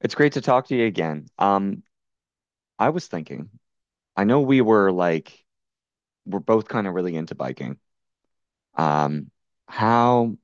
It's great to talk to you again. I was thinking, I know we were like we're both kind of really into biking. Um, how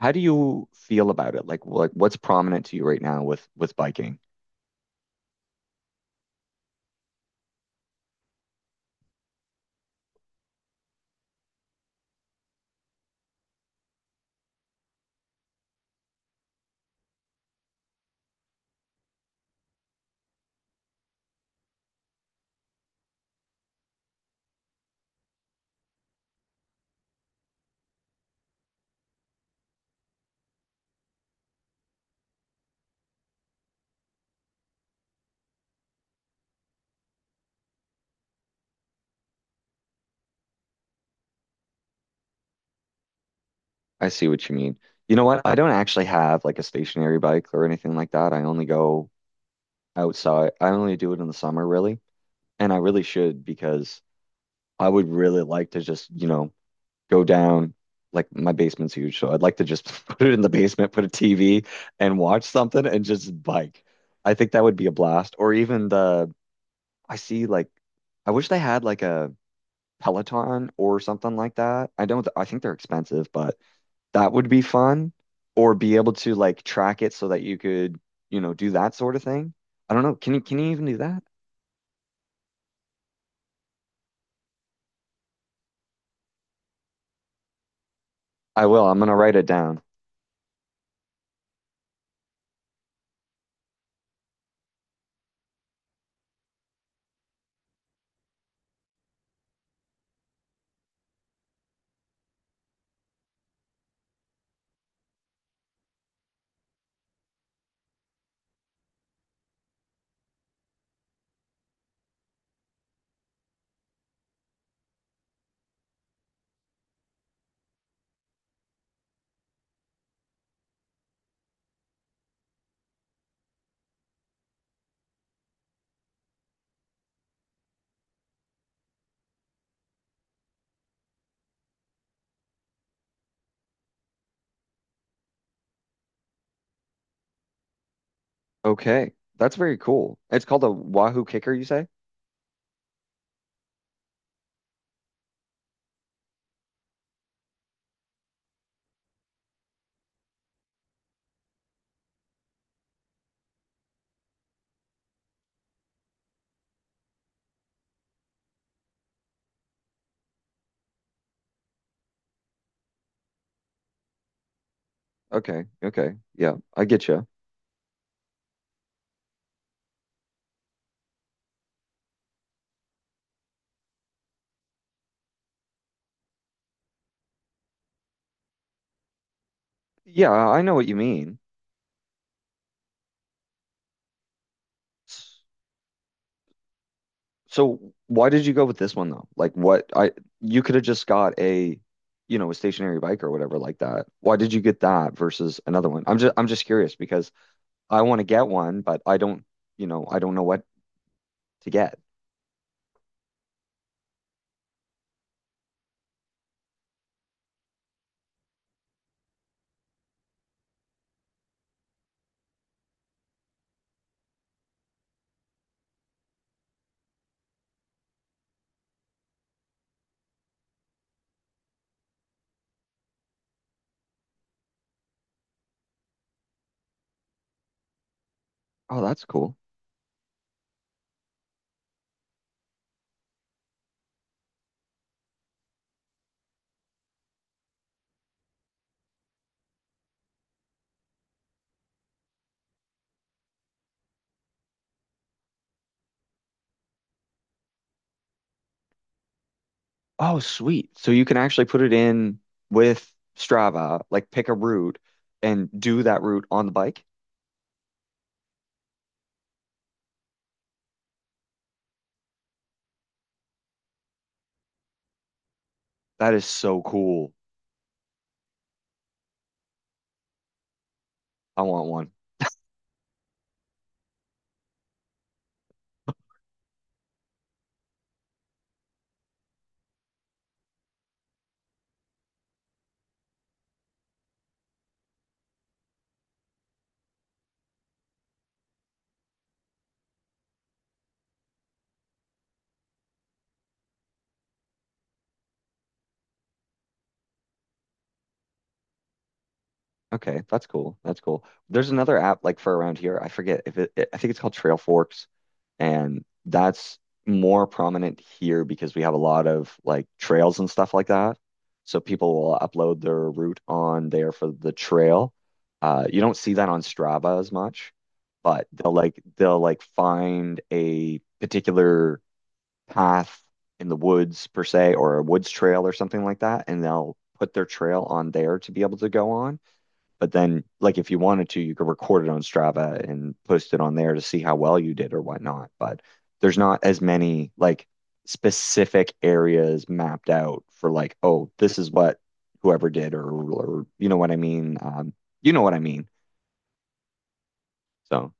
how do you feel about it? Like what's prominent to you right now with biking? I see what you mean. You know what? I don't actually have like a stationary bike or anything like that. I only go outside. I only do it in the summer really. And I really should because I would really like to just, go down. Like my basement's huge, so I'd like to just put it in the basement, put a TV and watch something and just bike. I think that would be a blast. Or even the, I see, like, I wish they had like a Peloton or something like that. I don't, I think they're expensive, but that would be fun. Or be able to like track it so that you could, do that sort of thing. I don't know. Can you even do that? I will. I'm gonna write it down. Okay. That's very cool. It's called a Wahoo Kicker, you say? Okay. Okay. Yeah, I get you. Yeah, I know what you mean. S- So why did you go with this one though? Like what I, you could have just got a stationary bike or whatever like that. Why did you get that versus another one? I'm just curious because I want to get one, but I don't, I don't know what to get. Oh, that's cool. Oh, sweet. So you can actually put it in with Strava, like pick a route and do that route on the bike. That is so cool. I want one. Okay, that's cool. That's cool. There's another app like for around here. I forget if it, I think it's called Trail Forks, and that's more prominent here because we have a lot of like trails and stuff like that. So people will upload their route on there for the trail. You don't see that on Strava as much, but they'll like find a particular path in the woods per se, or a woods trail or something like that, and they'll put their trail on there to be able to go on. But then, like, if you wanted to, you could record it on Strava and post it on there to see how well you did or whatnot. But there's not as many like specific areas mapped out for like, oh, this is what whoever did or you know what I mean. You know what I mean. So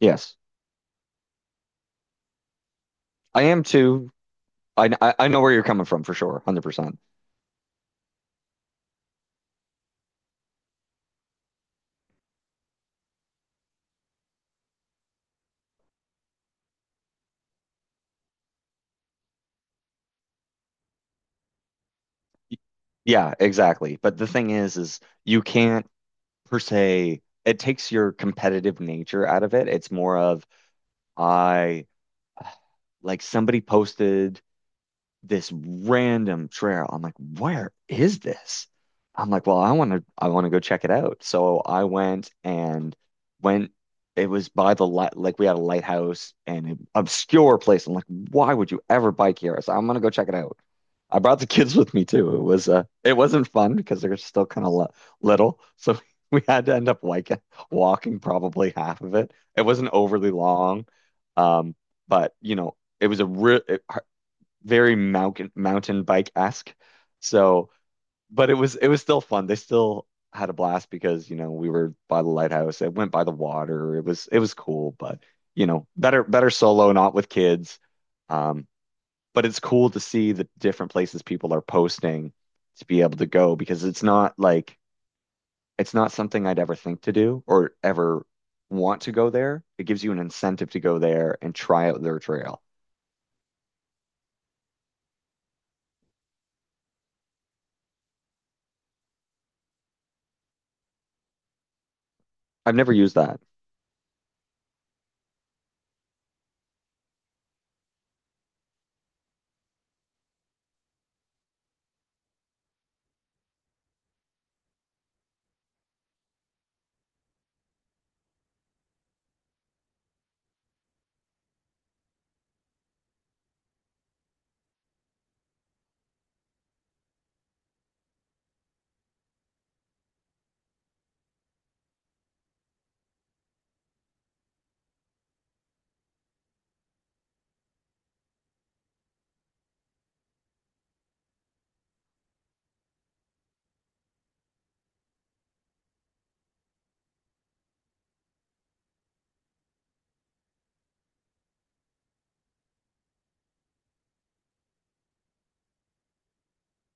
yes, I am too. I know where you're coming from for sure, 100%. Yeah, exactly. But the thing is you can't per se. It takes your competitive nature out of it. It's more of I, like somebody posted this random trail. I'm like, where is this? I'm like, well, I want to go check it out. So I went and went. It was by the light, like, we had a lighthouse and an obscure place. I'm like, why would you ever bike here? So I'm gonna go check it out. I brought the kids with me too. It wasn't fun because they're still kind of li little, so we had to end up like walking probably half of it. It wasn't overly long, um, but, you know, it was a real, very mountain bike-esque. So, but it was still fun. They still had a blast because, you know, we were by the lighthouse. It went by the water. It was cool, but, better solo, not with kids. Um, but it's cool to see the different places people are posting to be able to go because it's not like it's not something I'd ever think to do or ever want to go there. It gives you an incentive to go there and try out their trail. I've never used that.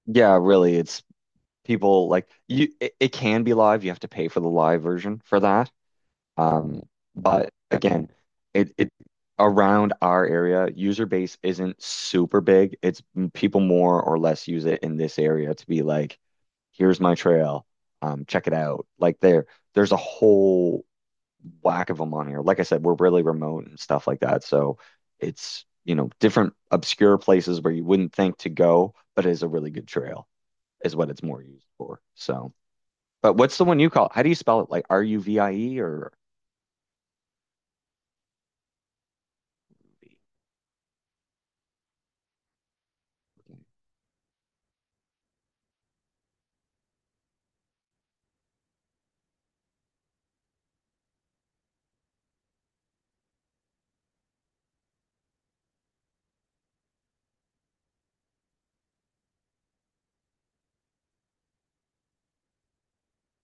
Yeah, really, it's people like you, it can be live. You have to pay for the live version for that. Um, but again, it around our area, user base isn't super big. It's people more or less use it in this area to be like, here's my trail. Check it out. Like there's a whole whack of them on here. Like I said, we're really remote and stuff like that. So it's different obscure places where you wouldn't think to go, but it is a really good trail, is what it's more used for. So, but what's the one you call? How do you spell it? Like RUVIE or?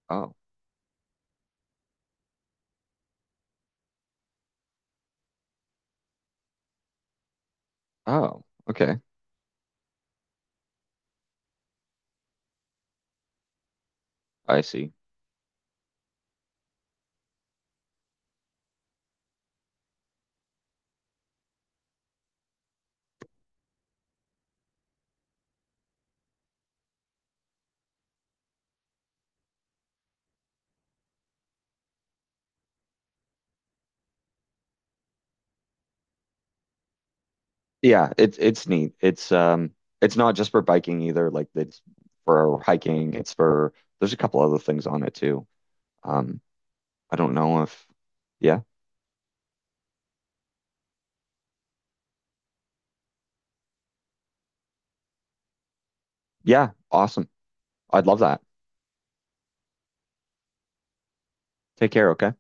Oh, oh, okay. I see. Yeah, it's neat. It's not just for biking either. Like it's for hiking. It's for There's a couple other things on it too. Um, I don't know if, yeah, yeah, awesome. I'd love that. Take care, okay?